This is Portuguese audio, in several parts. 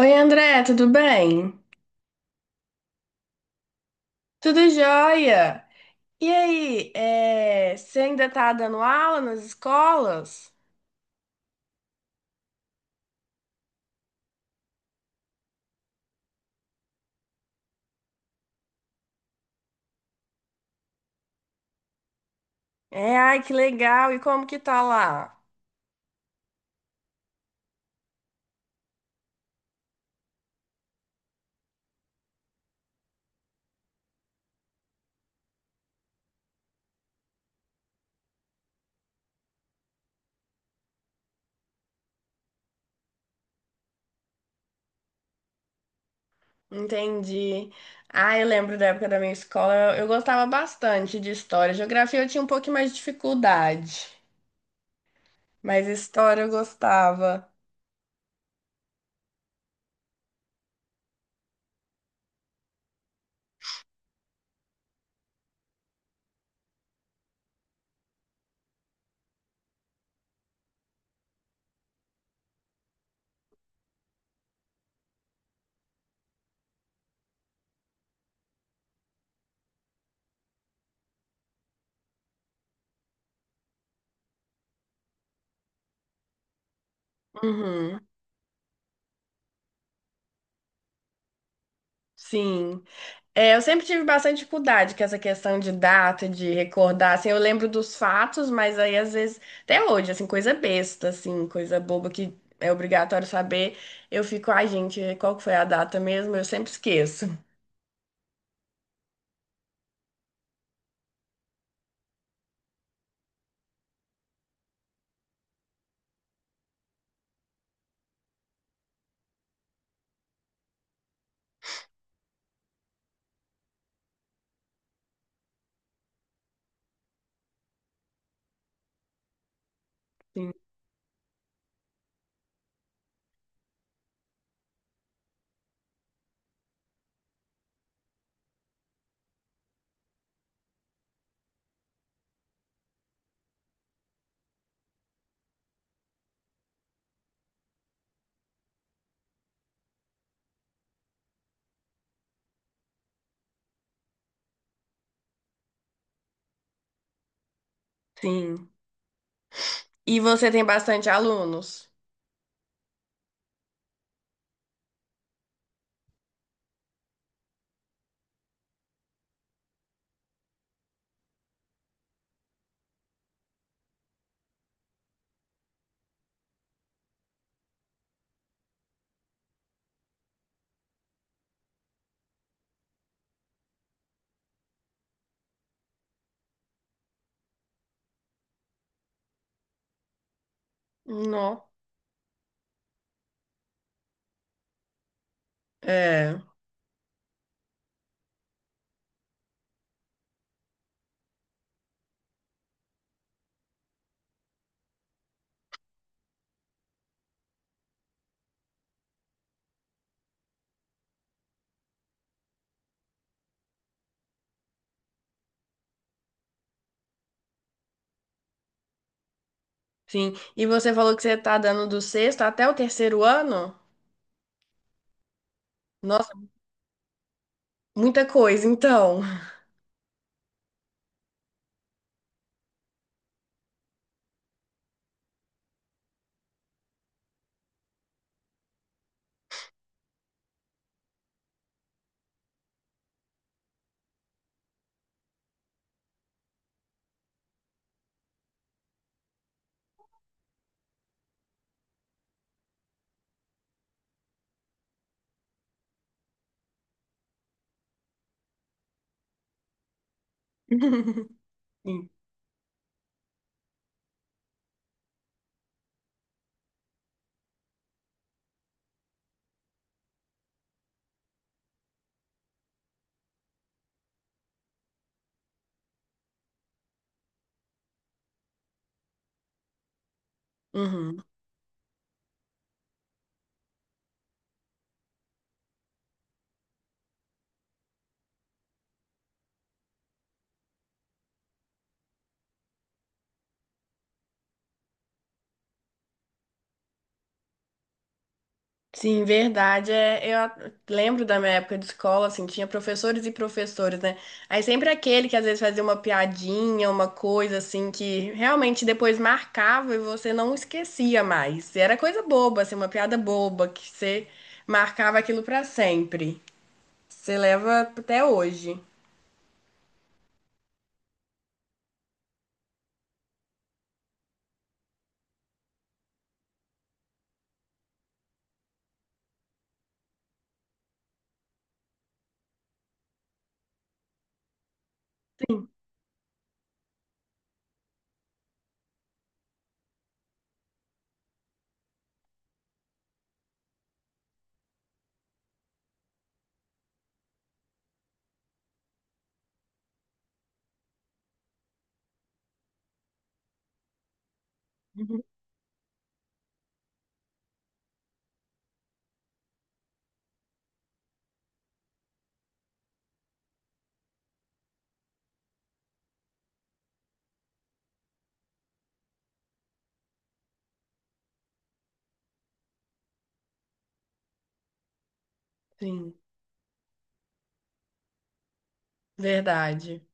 Oi, André, tudo bem? Tudo jóia? E aí, é, você ainda tá dando aula nas escolas? É, ai, que legal! E como que tá lá? Entendi. Ah, eu lembro da época da minha escola, eu gostava bastante de história. Geografia eu tinha um pouquinho mais de dificuldade, mas história eu gostava. Uhum, sim. É, eu sempre tive bastante dificuldade com essa questão de data, de recordar, assim, eu lembro dos fatos, mas aí às vezes, até hoje, assim, coisa besta, assim, coisa boba que é obrigatório saber, eu fico, ai, gente, qual que foi a data mesmo? Eu sempre esqueço. Sim. Sim. E você tem bastante alunos? Não. É, sim. E você falou que você tá dando do sexto até o terceiro ano? Nossa, muita coisa, então. Sim. Uhum. Sim, verdade. É, lembro da minha época de escola, assim, tinha professores e professores, né? Aí sempre aquele que às vezes fazia uma piadinha, uma coisa assim, que realmente depois marcava e você não esquecia mais. Era coisa boba, assim, uma piada boba, que você marcava aquilo pra sempre. Você leva até hoje. Sim, sim, verdade.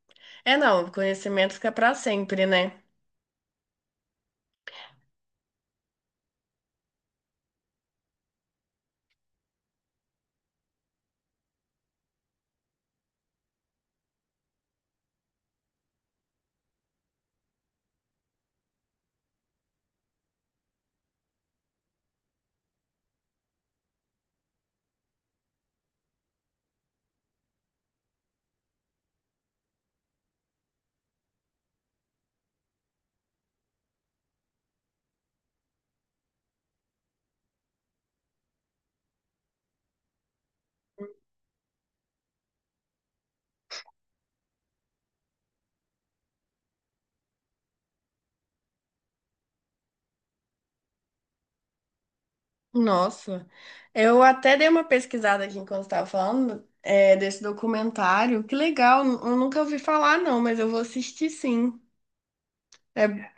É, não, conhecimento fica pra sempre, né? Nossa, eu até dei uma pesquisada aqui enquanto estava falando, é, desse documentário. Que legal, eu nunca ouvi falar não, mas eu vou assistir sim. É,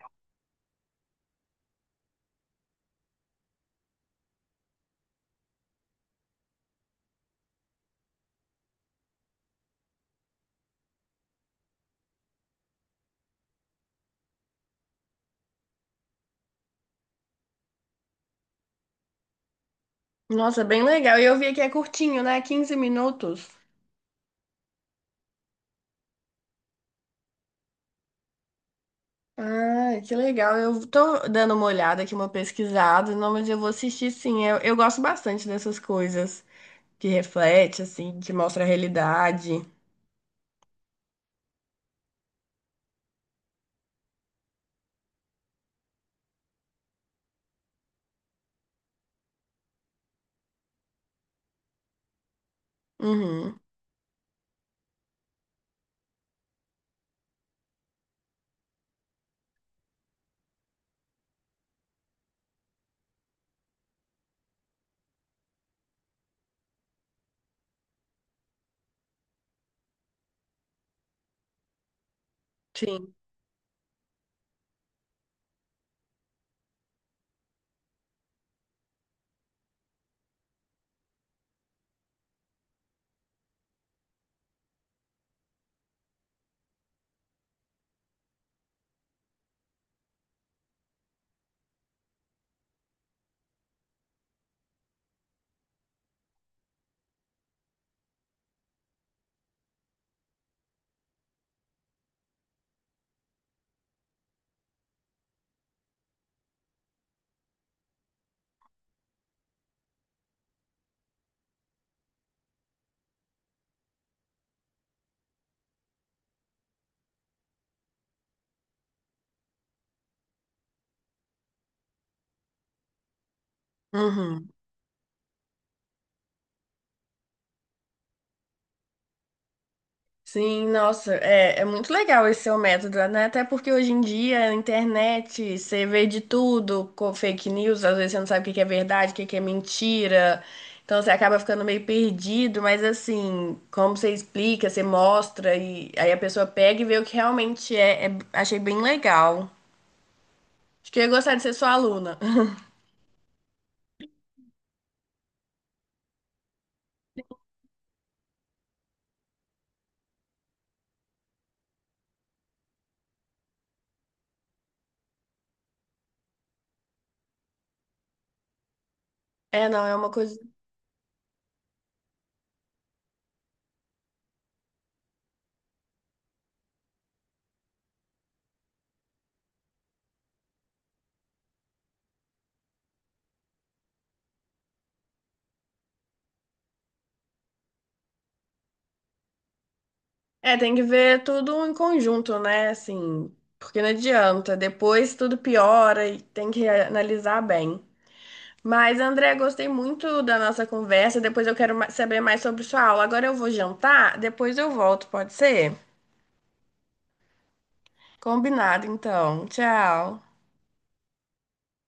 nossa, é bem legal. E eu vi que é curtinho, né? 15 minutos. Ah, que legal. Eu tô dando uma olhada aqui, uma pesquisada. Não, mas eu vou assistir sim. Eu gosto bastante dessas coisas que reflete, assim, que mostra a realidade. Uhum. Sim. Uhum. Sim, nossa, é, é muito legal esse seu método, né? Até porque hoje em dia, a internet, você vê de tudo com fake news, às vezes você não sabe o que que é verdade, o que que é mentira, então você acaba ficando meio perdido, mas assim, como você explica, você mostra, e aí a pessoa pega e vê o que realmente achei bem legal. Acho que eu ia gostar de ser sua aluna. É, não, é uma coisa. É, tem que ver tudo em conjunto, né? Assim, porque não adianta, depois tudo piora e tem que analisar bem. Mas, André, gostei muito da nossa conversa. Depois eu quero saber mais sobre sua aula. Agora eu vou jantar, depois eu volto, pode ser? Combinado, então. Tchau.